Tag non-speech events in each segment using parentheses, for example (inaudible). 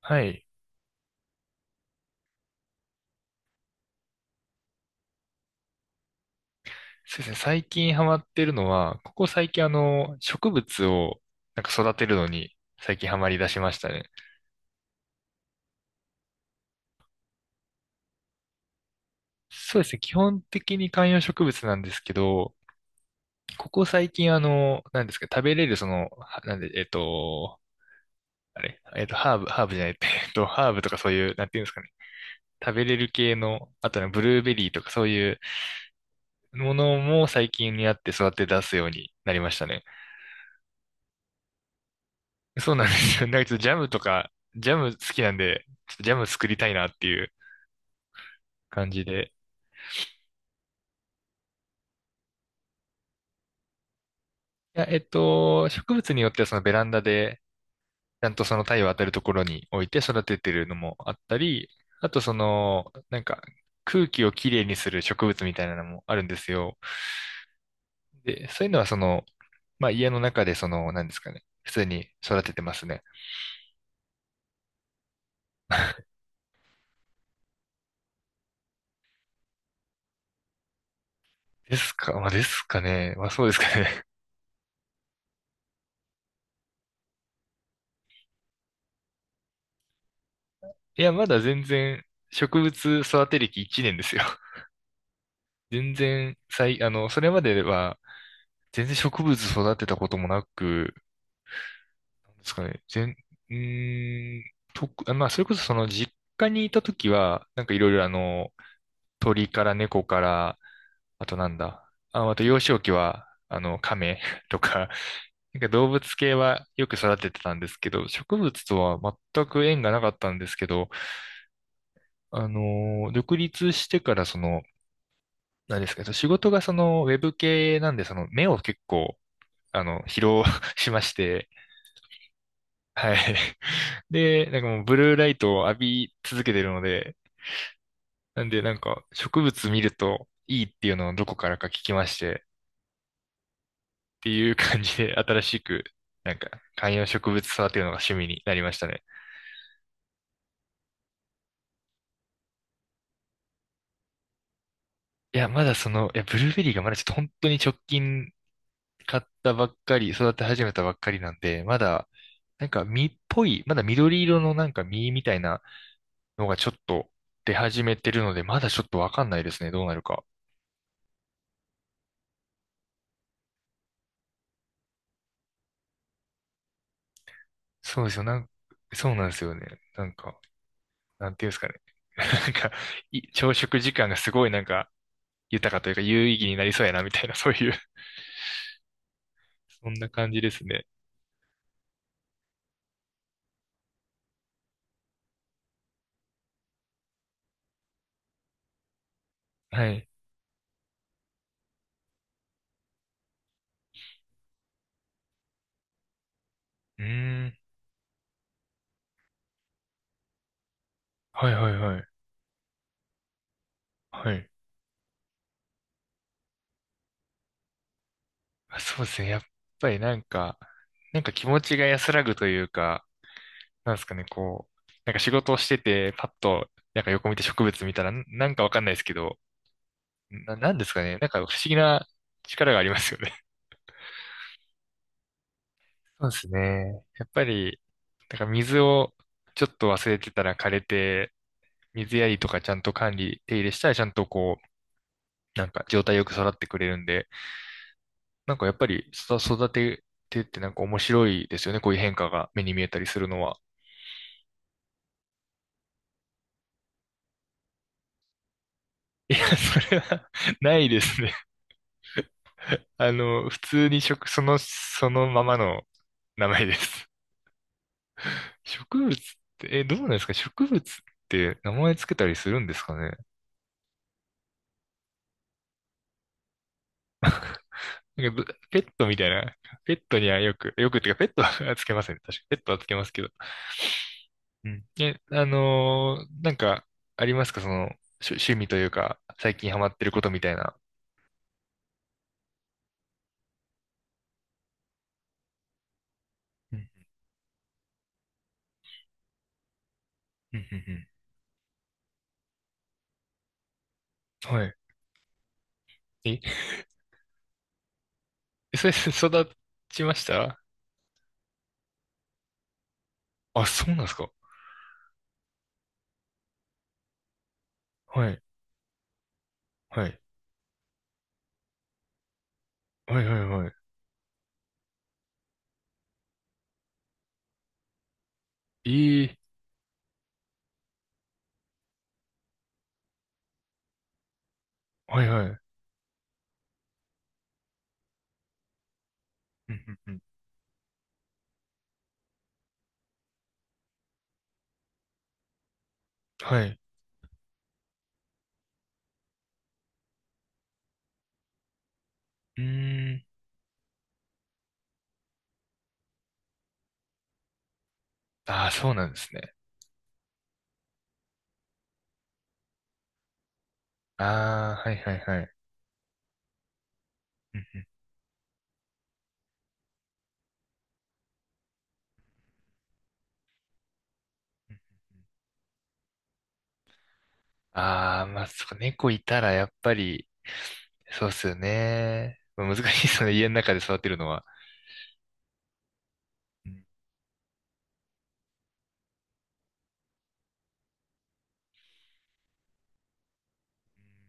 はい。そうですね。最近ハマってるのは、ここ最近植物をなんか育てるのに最近ハマり出しましたね。そうですね。基本的に観葉植物なんですけど、ここ最近なんですか、食べれるその、はなんで、あれ、ハーブ、ハーブじゃない、(laughs) ハーブとかそういう、なんていうんですかね。食べれる系の、あとね、ブルーベリーとかそういうものも最近にあって育て出すようになりましたね。そうなんですよ。なんかちょっとジャムとか、ジャム好きなんで、ちょっとジャム作りたいなっていう感じで。いや、植物によってはそのベランダで、ちゃんとその太陽当たるところに置いて育ててるのもあったり、あとその、なんか空気をきれいにする植物みたいなのもあるんですよ。で、そういうのはその、まあ家の中でその、なんですかね、普通に育ててますね。ですか、まあですかね。まあそうですかね。(laughs) いや、まだ全然植物育て歴1年ですよ。全然、それまでは、全然植物育てたこともなく、なんですかね、全、うーん、とく、あまあ、それこそその実家にいた時は、なんかいろいろ鳥から猫から、あとなんだ、あ、あと幼少期は、亀 (laughs) とか、なんか動物系はよく育ててたんですけど、植物とは全く縁がなかったんですけど、独立してからその、何ですか、仕事がそのウェブ系なんで、その目を結構疲労 (laughs) しまして、はい。で、なんかもうブルーライトを浴び続けてるので、なんでなんか植物見るといいっていうのをどこからか聞きまして、っていう感じで新しく、なんか観葉植物育てるのが趣味になりましたね。いや、まだその、いや、ブルーベリーがまだちょっと本当に直近買ったばっかり、育て始めたばっかりなんで、まだ、なんか実っぽい、まだ緑色のなんか実みたいなのがちょっと出始めてるので、まだちょっとわかんないですね、どうなるか。そうですよ。そうなんですよね。なんか、なんていうんですかね。(laughs) なんか、朝食時間がすごいなんか、豊かというか有意義になりそうやな、みたいな、そういう (laughs) そんな感じですね。はい。うーん。はいはいはい。はい。あ、そうですね。やっぱりなんか、気持ちが安らぐというか、なんですかね、こう、なんか仕事をしてて、パッと、なんか横見て植物見たら、なんかわかんないですけど、なんですかね。なんか不思議な力がありますよね。そうですね。やっぱり、だから水をちょっと忘れてたら枯れて、水やりとかちゃんと管理、手入れしたらちゃんとこう、なんか状態よく育ってくれるんで、なんかやっぱり育ててってなんか面白いですよね。こういう変化が目に見えたりするのは。いや、それは (laughs) ないですね。普通にその、そのままの名前です。(laughs) 植物って、え、どうなんですか植物って名前つけたりするんですかね。なんかペットみたいな、ペットにはよく、よくっていうか、ペットは (laughs) つけませんね。確かペットはつけますけど。うん。え、なんか、ありますかその、趣味というか、最近ハマってることみたいな。うん、うん、うんうん。はい。え、え、それ、育ちました？あ、そうなんですか。はい、はい。はい、はい、はい。いい。はい、はい。うん、うん、うん。はい。うーん。ああ、そうなんですね。ああ、はい、はい、はい。うんうんうん。ああ、まあ、そう、猫いたらやっぱり、そうっすよね。まあ、難しいですよね、家の中で育てるのは。うん。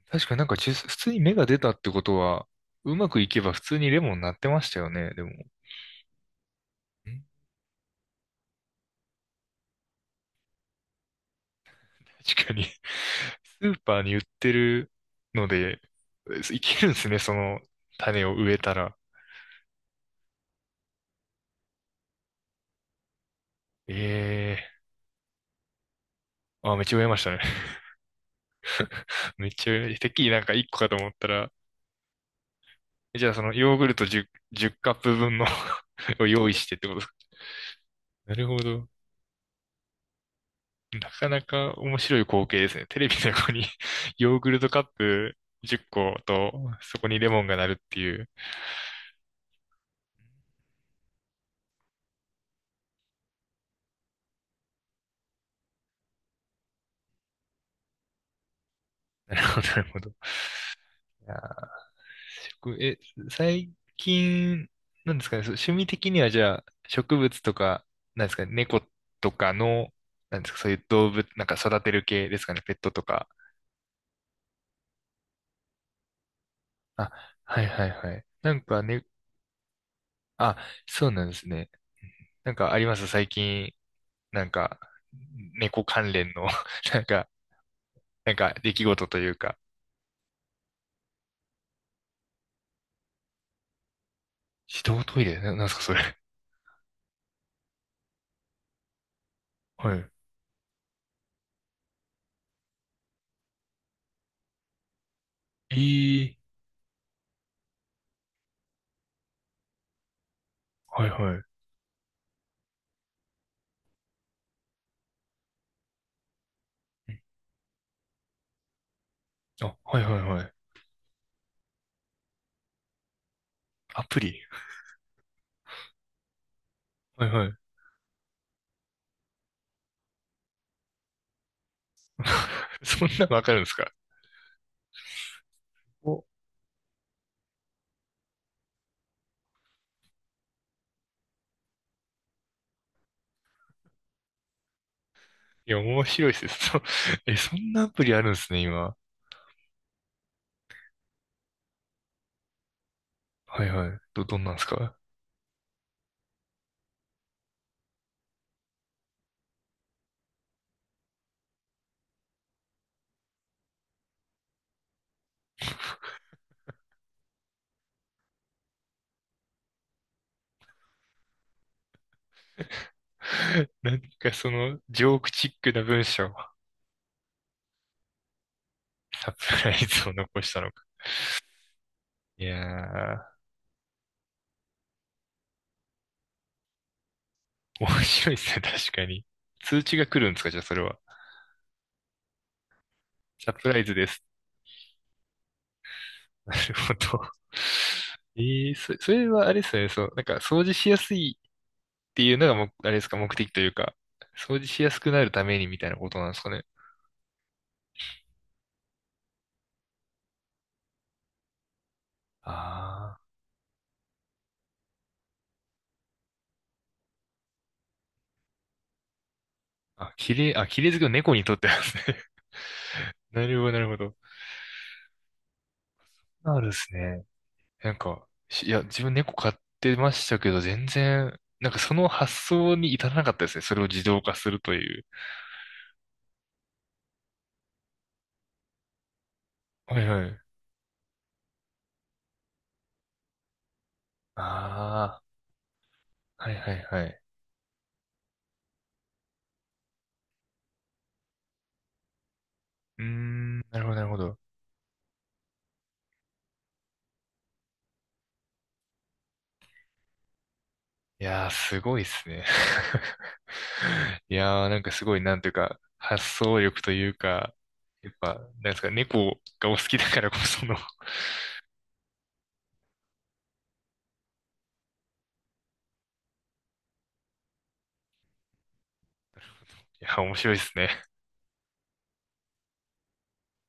確かになんか普通に芽が出たってことは、うまくいけば普通にレモンなってましたよね、でも。うん。 (laughs) 確かに (laughs) スーパーに売ってるので、いけるんですね、その種を植えたら。ええ。あ、めっちゃ植えましたね。(laughs) めっちゃ植え、てっきりなんか一個かと思ったら、じゃあそのヨーグルト1 10カップ分の (laughs) を用意してってことですか？ (laughs) なるほど。なかなか面白い光景ですね。テレビの横に (laughs) ヨーグルトカップ10個と、そこにレモンがなるっていう。なるほど、なるほど。いやー、え、最近、なんですかね、そう趣味的にはじゃあ、植物とか、なんですかね、猫とかの、なんですか、そういう動物、なんか育てる系ですかね、ペットとか。あ、はいはいはい。なんかね、あ、そうなんですね。なんかあります最近、なんか、猫関連の (laughs) なんか、なんか、出来事というか。自動トイレなんすか、それ。はい。ええー。はいはい。あ、はいはいはい。アプリ。はいはい。(laughs) そんなのわかるんですか？お、いや、面白いですね。そんなアプリあるんですね、今。はいはい。どんなんですか？ (laughs) なんかその、ジョークチックな文章、サプライズを残したのか。いやー、面白いですね、確かに。通知が来るんですか、じゃあそれは。サプライズです。(laughs) なるほど。(laughs) ええ、それはあれですよね。そう、なんか掃除しやすいっていうのがも、あれですか、目的というか、掃除しやすくなるためにみたいなことなんですかね。ああ、あ、綺麗、あ、綺麗好きの猫にとってはですね。(laughs) なるほど、なるほど。あるですね。なんか、いや、自分猫飼ってましたけど、全然、なんかその発想に至らなかったですね。それを自動化するという。はいはい。ああ、はいはいはい。うーん、なるほど、なるほど。いやー、すごいですね。(laughs) (laughs) いやー、なんかすごい、なんていうか、発想力というか、やっぱ、なんですか、猫がお好きだからこその、いや、面白いですね。